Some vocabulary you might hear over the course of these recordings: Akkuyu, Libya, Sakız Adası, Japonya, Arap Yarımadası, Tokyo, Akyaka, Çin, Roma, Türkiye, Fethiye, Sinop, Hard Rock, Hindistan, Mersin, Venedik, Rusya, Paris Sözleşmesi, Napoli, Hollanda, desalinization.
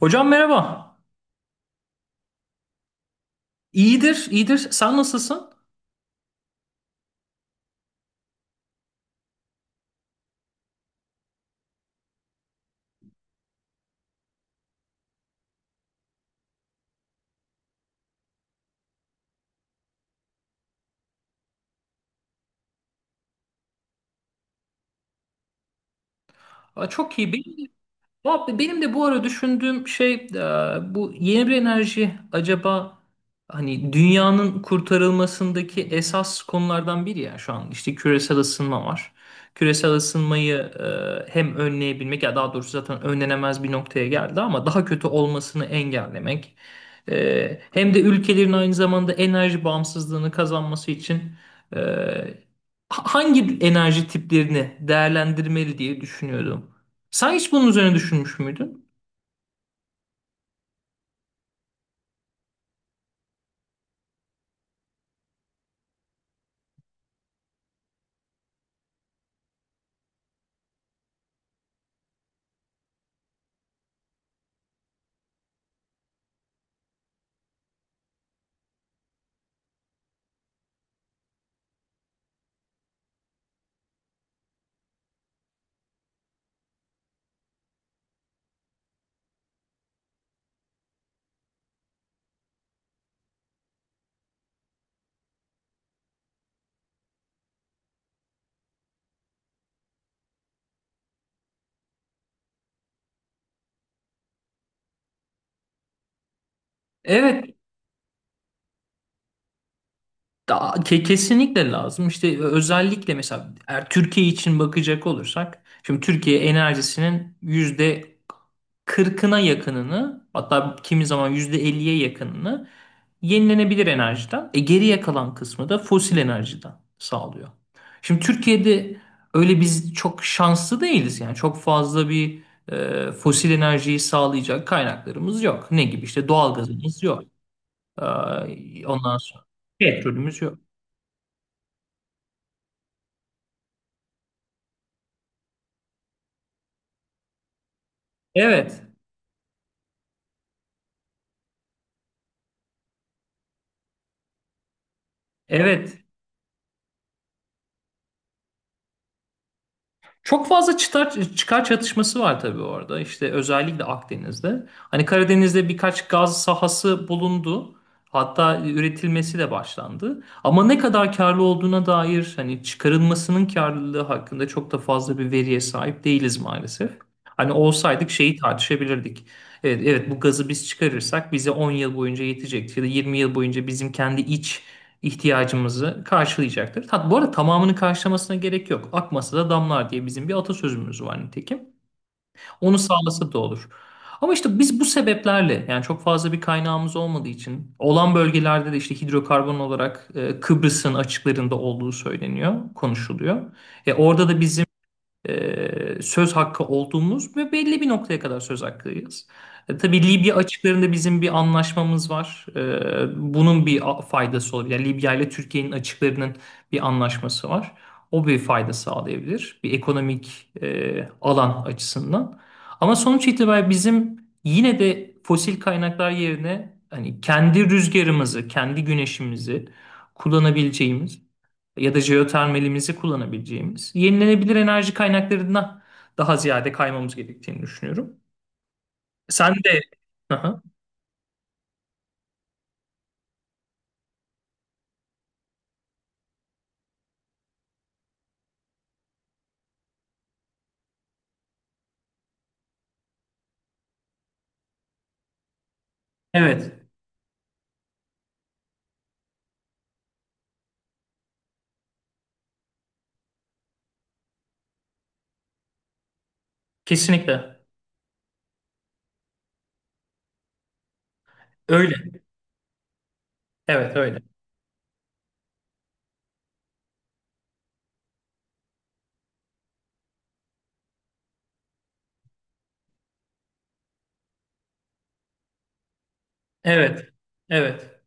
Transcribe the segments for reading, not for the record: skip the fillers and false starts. Hocam merhaba. İyidir, iyidir. Sen nasılsın? Aa, çok iyi. Valla benim de bu ara düşündüğüm şey, bu yeni bir enerji acaba hani dünyanın kurtarılmasındaki esas konulardan biri ya şu an işte küresel ısınma var. Küresel ısınmayı hem önleyebilmek ya daha doğrusu zaten önlenemez bir noktaya geldi ama daha kötü olmasını engellemek. Hem de ülkelerin aynı zamanda enerji bağımsızlığını kazanması için e, hangi enerji tiplerini değerlendirmeli diye düşünüyordum. Sen hiç bunun üzerine düşünmüş müydün? Evet, kesinlikle lazım. İşte özellikle mesela eğer Türkiye için bakacak olursak, şimdi Türkiye enerjisinin yüzde kırkına yakınını, hatta kimi zaman yüzde elliye yakınını yenilenebilir enerjiden, geriye kalan kısmı da fosil enerjiden sağlıyor. Şimdi Türkiye'de öyle biz çok şanslı değiliz yani çok fazla bir fosil enerjiyi sağlayacak kaynaklarımız yok. Ne gibi işte doğalgazımız yok. Ondan sonra petrolümüz yok. Evet, evet. Çok fazla çıkar, Çıkar çatışması var tabii orada. İşte özellikle Akdeniz'de. Hani Karadeniz'de birkaç gaz sahası bulundu. Hatta üretilmesi de başlandı. Ama ne kadar karlı olduğuna dair hani çıkarılmasının karlılığı hakkında çok da fazla bir veriye sahip değiliz maalesef. Hani olsaydık şeyi tartışabilirdik. Evet, evet, bu gazı biz çıkarırsak bize 10 yıl boyunca yetecektir ya da 20 yıl boyunca bizim kendi iç ihtiyacımızı karşılayacaktır. Tat, bu arada tamamını karşılamasına gerek yok. Akmasa da damlar diye bizim bir atasözümüz var nitekim. Onu sağlasa da olur. Ama işte biz bu sebeplerle yani çok fazla bir kaynağımız olmadığı için olan bölgelerde de işte hidrokarbon olarak Kıbrıs'ın açıklarında olduğu söyleniyor, konuşuluyor. Orada da bizim söz hakkı olduğumuz ve belli bir noktaya kadar söz hakkıyız. Tabii Libya açıklarında bizim bir anlaşmamız var. E, bunun bir faydası olabilir. Yani Libya ile Türkiye'nin açıklarının bir anlaşması var. O bir fayda sağlayabilir. Bir ekonomik alan açısından. Ama sonuç itibariyle bizim yine de fosil kaynaklar yerine hani kendi rüzgarımızı, kendi güneşimizi kullanabileceğimiz ya da jeotermalimizi kullanabileceğimiz yenilenebilir enerji kaynaklarına daha ziyade kaymamız gerektiğini düşünüyorum. Sen de. Aha. Evet, kesinlikle. Öyle. Evet, öyle. Evet. Evet.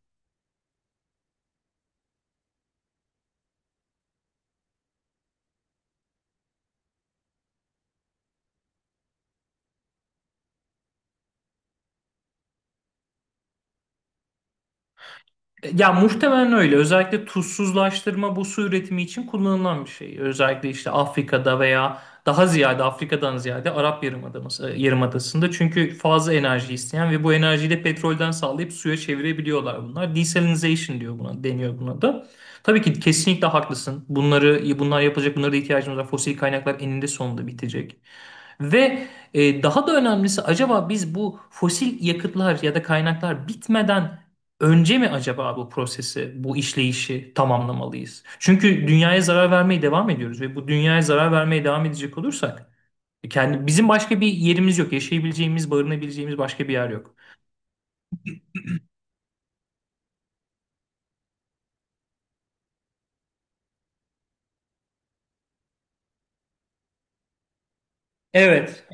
Ya muhtemelen öyle. Özellikle tuzsuzlaştırma bu su üretimi için kullanılan bir şey. Özellikle işte Afrika'da veya daha ziyade Afrika'dan ziyade Arap Yarımadası'nda. Çünkü fazla enerji isteyen ve bu enerjiyi de petrolden sağlayıp suya çevirebiliyorlar bunlar. Desalinization diyor buna, deniyor buna da. Tabii ki kesinlikle haklısın. Bunları bunlar yapılacak, bunlara da ihtiyacımız var. Fosil kaynaklar eninde sonunda bitecek. Ve daha da önemlisi acaba biz bu fosil yakıtlar ya da kaynaklar bitmeden önce mi acaba bu prosesi, bu işleyişi tamamlamalıyız? Çünkü dünyaya zarar vermeye devam ediyoruz ve bu dünyaya zarar vermeye devam edecek olursak kendi bizim başka bir yerimiz yok. Yaşayabileceğimiz, barınabileceğimiz başka bir yer yok. Evet.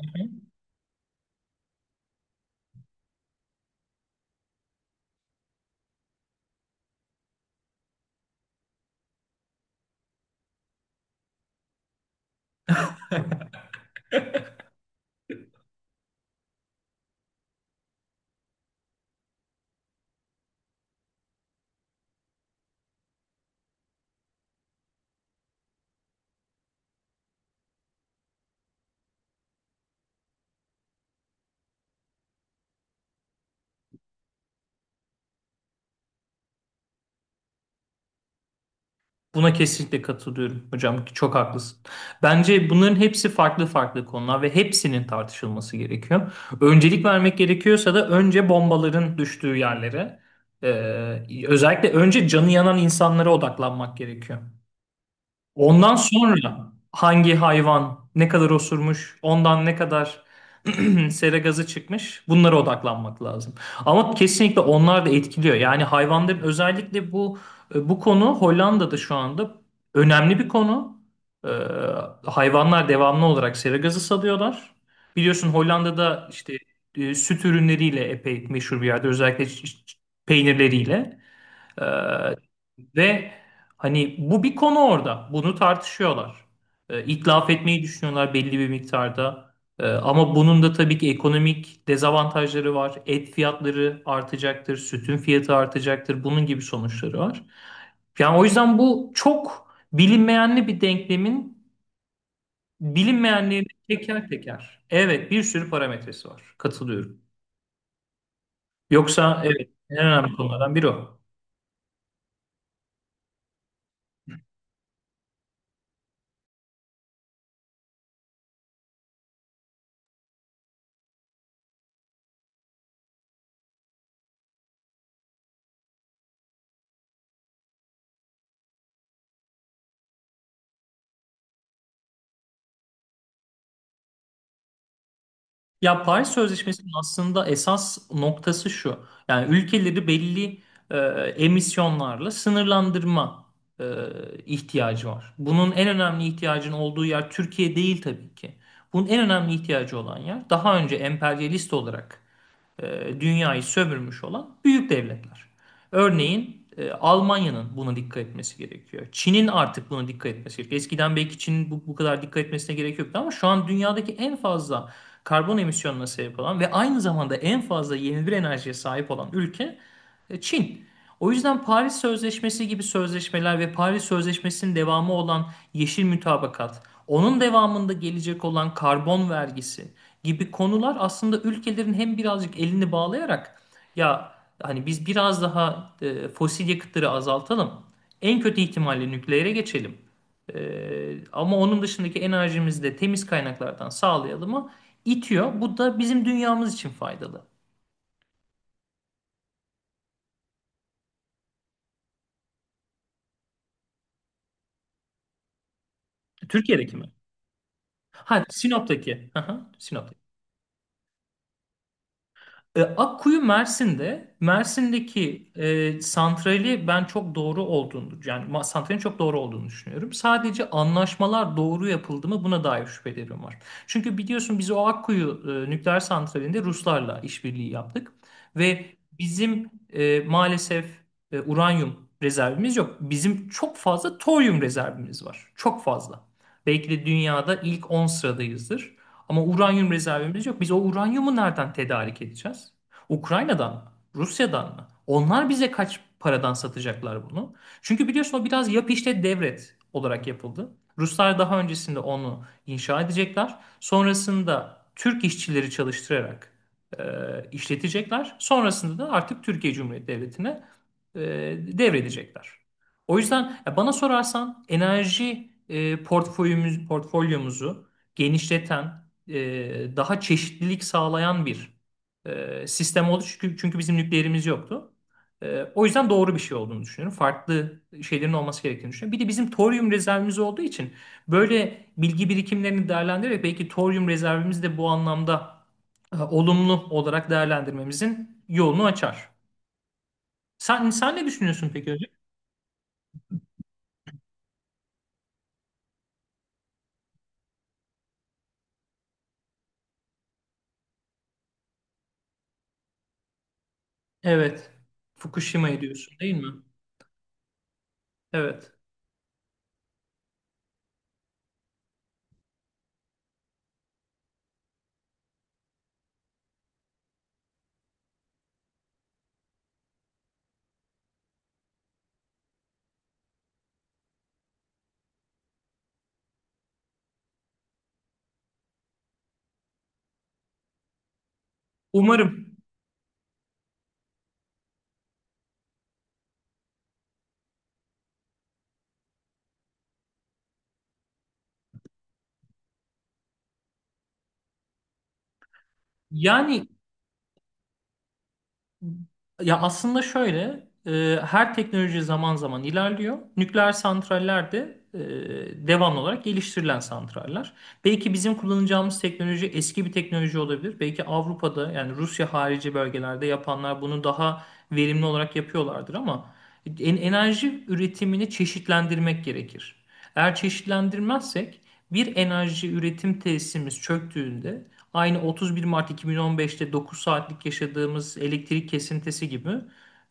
Buna kesinlikle katılıyorum hocam. Çok haklısın. Bence bunların hepsi farklı farklı konular ve hepsinin tartışılması gerekiyor. Öncelik vermek gerekiyorsa da önce bombaların düştüğü yerlere, özellikle önce canı yanan insanlara odaklanmak gerekiyor. Ondan sonra hangi hayvan ne kadar osurmuş, ondan ne kadar sera gazı çıkmış bunlara odaklanmak lazım. Ama kesinlikle onlar da etkiliyor. Yani hayvanların özellikle bu bu konu Hollanda'da şu anda önemli bir konu. Ee, Hayvanlar devamlı olarak sera gazı salıyorlar. Biliyorsun Hollanda'da işte süt ürünleriyle epey meşhur bir yerde özellikle peynirleriyle. Ee, Ve hani bu bir konu orada. Bunu tartışıyorlar. İtlaf etmeyi düşünüyorlar belli bir miktarda. Ama bunun da tabii ki ekonomik dezavantajları var. Et fiyatları artacaktır, sütün fiyatı artacaktır. Bunun gibi sonuçları var. Yani o yüzden bu çok bilinmeyenli bir denklemin bilinmeyenliğini teker teker. Evet, bir sürü parametresi var. Katılıyorum. Yoksa evet en önemli konulardan biri o. Ya Paris Sözleşmesi'nin aslında esas noktası şu. Yani ülkeleri belli e, emisyonlarla sınırlandırma e, ihtiyacı var. Bunun en önemli ihtiyacın olduğu yer Türkiye değil tabii ki. Bunun en önemli ihtiyacı olan yer daha önce emperyalist olarak dünyayı sömürmüş olan büyük devletler. Örneğin Almanya'nın buna dikkat etmesi gerekiyor. Çin'in artık buna dikkat etmesi gerekiyor. Eskiden belki Çin'in bu kadar dikkat etmesine gerek yoktu ama şu an dünyadaki en fazla karbon emisyonuna sebep olan ve aynı zamanda en fazla yenilenebilir enerjiye sahip olan ülke Çin. O yüzden Paris Sözleşmesi gibi sözleşmeler ve Paris Sözleşmesi'nin devamı olan yeşil mütabakat, onun devamında gelecek olan karbon vergisi gibi konular aslında ülkelerin hem birazcık elini bağlayarak ya hani biz biraz daha fosil yakıtları azaltalım. En kötü ihtimalle nükleere geçelim. E, Ama onun dışındaki enerjimizi de temiz kaynaklardan sağlayalım'ı itiyor. Bu da bizim dünyamız için faydalı. Türkiye'deki mi? Ha Sinop'taki. Aha, Sinop'taki. E, Akkuyu Mersin'de. Mersin'deki santrali ben çok doğru olduğunu yani santralin çok doğru olduğunu düşünüyorum. Sadece anlaşmalar doğru yapıldı mı buna dair şüphelerim var. Çünkü biliyorsun biz o Akkuyu nükleer santralinde Ruslarla işbirliği yaptık ve bizim maalesef uranyum rezervimiz yok. Bizim çok fazla toryum rezervimiz var. Çok fazla. Belki de dünyada ilk 10 sıradayızdır. Ama uranyum rezervimiz yok. Biz o uranyumu nereden tedarik edeceğiz? Ukrayna'dan mı? Rusya'dan mı? Onlar bize kaç paradan satacaklar bunu? Çünkü biliyorsun o biraz yap işlet devret olarak yapıldı. Ruslar daha öncesinde onu inşa edecekler. Sonrasında Türk işçileri çalıştırarak e, işletecekler. Sonrasında da artık Türkiye Cumhuriyeti Devleti'ne e, devredecekler. O yüzden ya bana sorarsan enerji portföyümüz, portfolyomuzu genişleten, daha çeşitlilik sağlayan bir sistem oldu. Çünkü bizim nükleerimiz yoktu. O yüzden doğru bir şey olduğunu düşünüyorum. Farklı şeylerin olması gerektiğini düşünüyorum. Bir de bizim toryum rezervimiz olduğu için böyle bilgi birikimlerini değerlendirerek belki toryum rezervimiz de bu anlamda olumlu olarak değerlendirmemizin yolunu açar. Sen ne düşünüyorsun peki hocam? Evet. Fukushima'yı diyorsun değil mi? Evet. Umarım. Yani Ya aslında şöyle, e, her teknoloji zaman zaman ilerliyor. Nükleer santraller de devamlı olarak geliştirilen santraller. Belki bizim kullanacağımız teknoloji eski bir teknoloji olabilir. Belki Avrupa'da yani Rusya harici bölgelerde yapanlar bunu daha verimli olarak yapıyorlardır ama enerji üretimini çeşitlendirmek gerekir. Eğer çeşitlendirmezsek bir enerji üretim tesisimiz çöktüğünde aynı 31 Mart 2015'te 9 saatlik yaşadığımız elektrik kesintisi gibi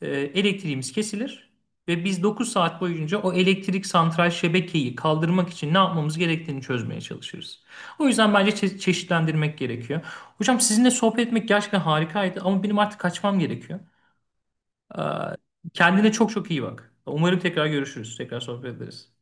e, elektriğimiz kesilir ve biz 9 saat boyunca o elektrik santral şebekeyi kaldırmak için ne yapmamız gerektiğini çözmeye çalışırız. O yüzden bence çeşitlendirmek gerekiyor. Hocam sizinle sohbet etmek gerçekten harikaydı ama benim artık kaçmam gerekiyor. Ee, Kendine çok çok iyi bak. Umarım tekrar görüşürüz. Tekrar sohbet ederiz.